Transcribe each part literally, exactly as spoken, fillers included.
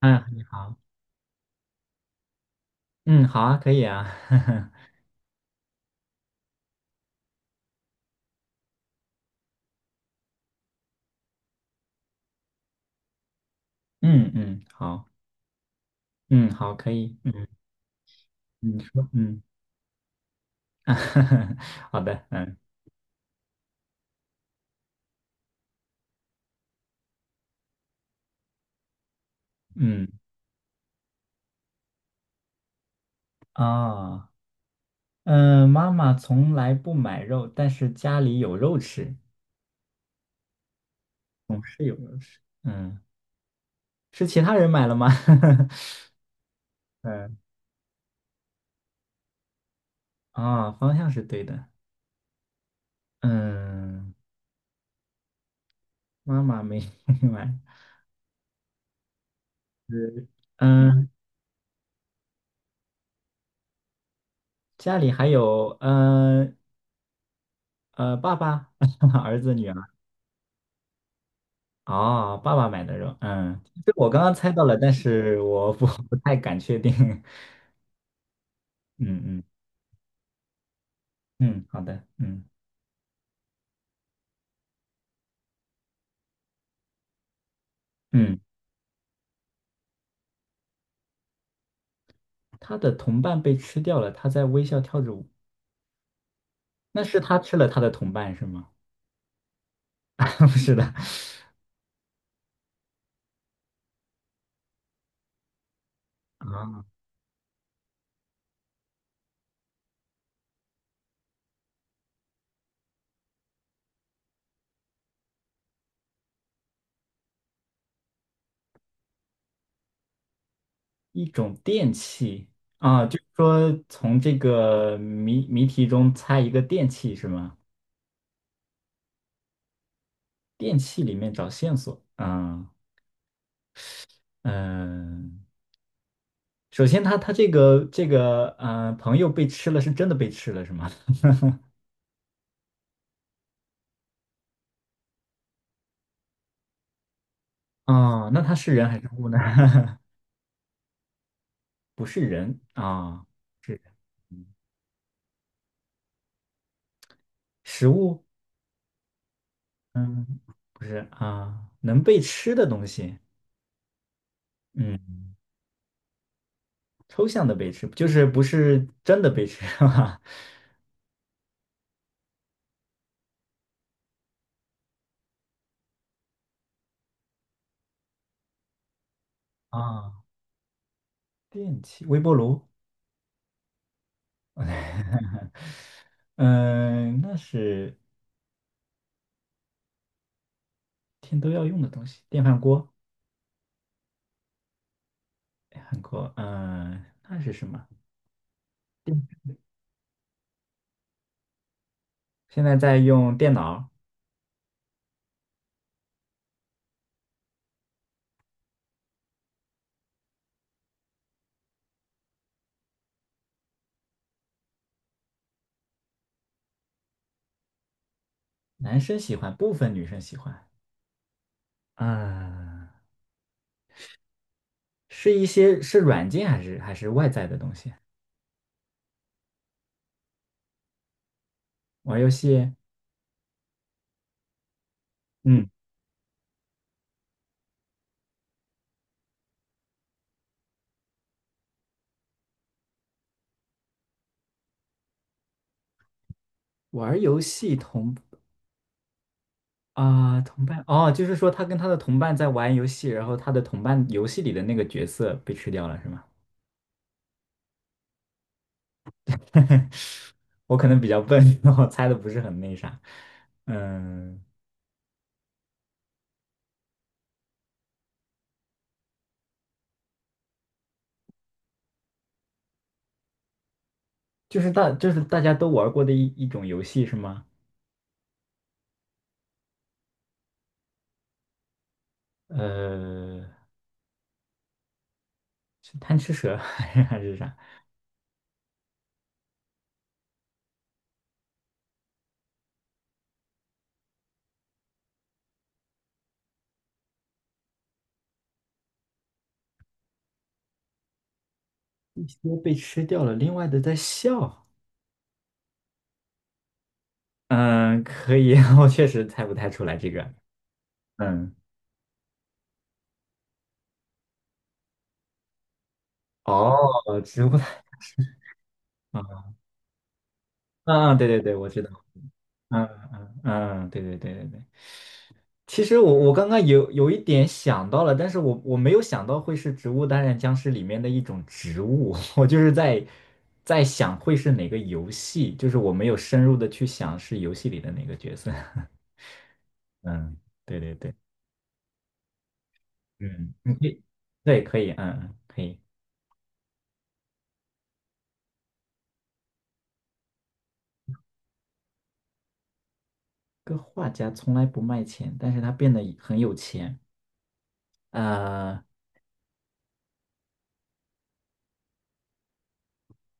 嗯，你好，嗯，好啊，可以啊，嗯嗯，好，嗯好，可以，嗯，你说，嗯，好的，嗯嗯啊，嗯，妈妈从来不买肉，但是家里有肉吃，总是有肉吃，嗯，是其他人买了吗？嗯啊，方向是对的，嗯，妈妈没 买，嗯嗯，家里还有，嗯呃，爸爸、儿子、女儿。哦，爸爸买的肉，嗯，这我刚刚猜到了，但是我不 不太敢确定。嗯嗯嗯，好的，嗯嗯，他的同伴被吃掉了，他在微笑跳着舞，那是他吃了他的同伴是吗？不是的，啊，一种电器。啊，就是说从这个谜谜题中猜一个电器是吗？电器里面找线索，啊，嗯，首先他他这个这个嗯朋友被吃了是真的被吃了是吗？啊，那它是人还是物呢？不是人啊，是嗯食物，嗯，不是啊，能被吃的东西，嗯，抽象的被吃，就是不是真的被吃，哈哈。啊，电器，微波炉，嗯，那是天都要用的东西，电饭锅，韩国，嗯，那是什么？现在在用电脑，男生喜欢，部分女生喜欢，嗯，是一些是软件还是还是外在的东西？玩游戏，嗯，玩游戏同啊、同伴哦，就是说他跟他的同伴在玩游戏，然后他的同伴游戏里的那个角色被吃掉了，是吗？我可能比较笨，我猜的不是很那啥。嗯，就是大就是大家都玩过的一一种游戏是吗？呃，是贪吃蛇 还是还是啥？一些被吃掉了，另外的在笑。嗯，可以，我确实猜不太出来这个。嗯，哦，植物。啊。嗯嗯，对对对，我知道。嗯嗯嗯，对对对对对。其实我我刚刚有有一点想到了，但是我我没有想到会是《植物大战僵尸》里面的一种植物，我就是在在想会是哪个游戏，就是我没有深入的去想是游戏里的哪个角色。嗯，对对对，嗯，你可以，对，可以，嗯嗯，可以。个画家从来不卖钱，但是他变得很有钱。呃，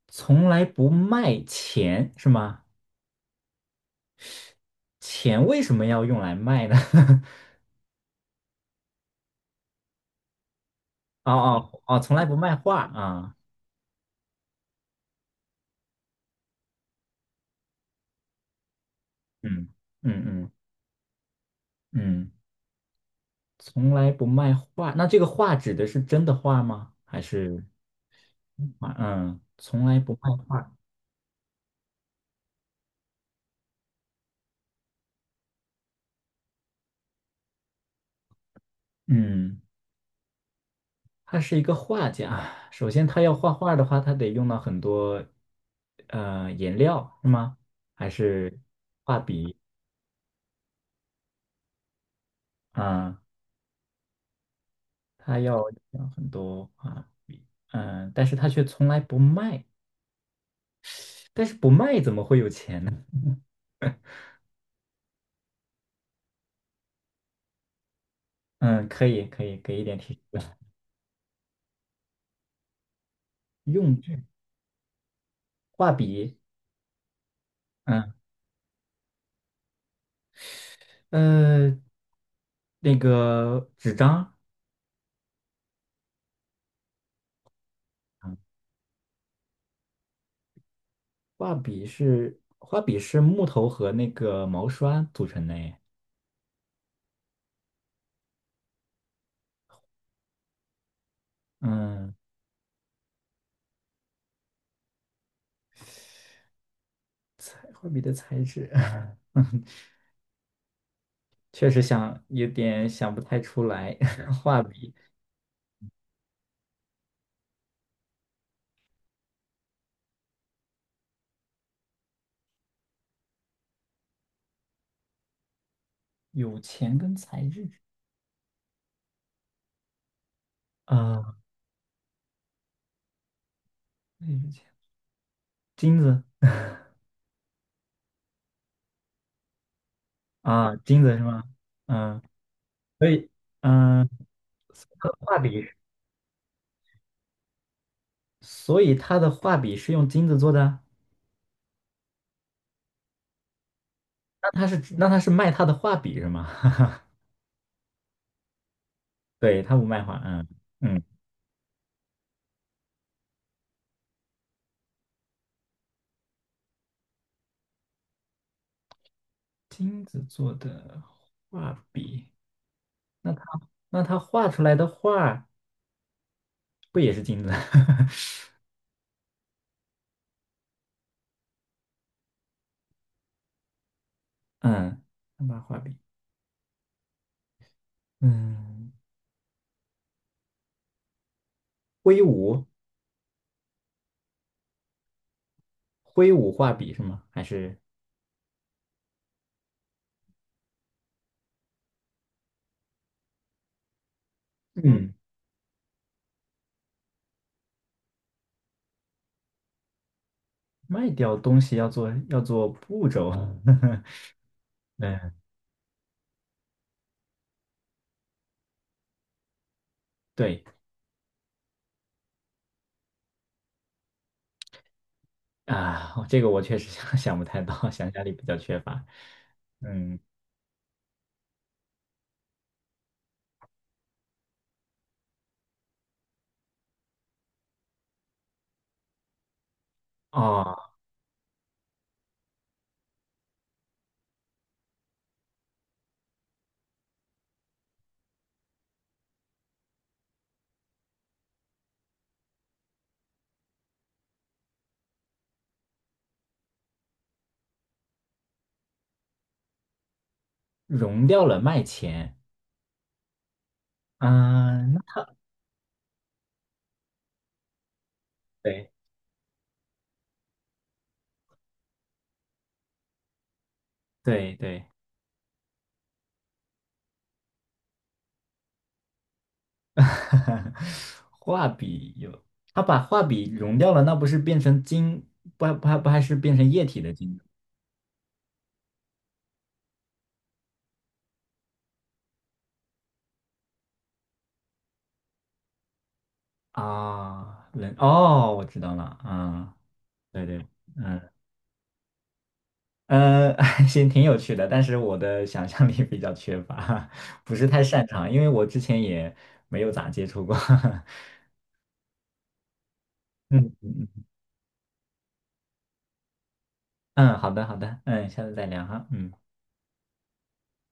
从来不卖钱是吗？钱为什么要用来卖呢？哦哦哦，从来不卖画啊，嗯嗯嗯嗯，从来不卖画。那这个画指的是真的画吗？还是画？嗯，从来不卖画。嗯，他是一个画家。首先，他要画画的话，他得用到很多呃颜料，是吗？还是画笔啊？他要用很多啊，嗯，但是他却从来不卖。但是不卖怎么会有钱呢？嗯，可以可以，给一点提示。用具、画笔，嗯呃，那个纸张，嗯，画笔是画笔是木头和那个毛刷组成的耶。嗯，画笔的材质，确实想有点想不太出来。画笔有钱跟材质啊，那是钱，金子啊，金子是吗？嗯，所以嗯，画笔。所以他的画笔是用金子做的啊，那他是那他是卖他的画笔是吗？对，他不卖画，嗯嗯，金子做的画笔，那他那他画出来的画不也是金子？嗯，那把画笔，嗯，挥舞挥舞画笔是吗？还是嗯，卖掉东西要做要做步骤？嗯，对啊，这个我确实想想不太到，想象力比较缺乏，嗯。哦，融掉了卖钱，嗯，那他对对对，画笔有，他把画笔融掉了，那不是变成金？不还不还不还是变成液体的晶啊？人哦，我知道了，啊，对对，嗯呃，行，挺有趣的，但是我的想象力比较缺乏，不是太擅长，因为我之前也没有咋接触过。嗯嗯嗯，嗯好的好的，嗯，下次再聊哈，嗯，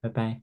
拜拜。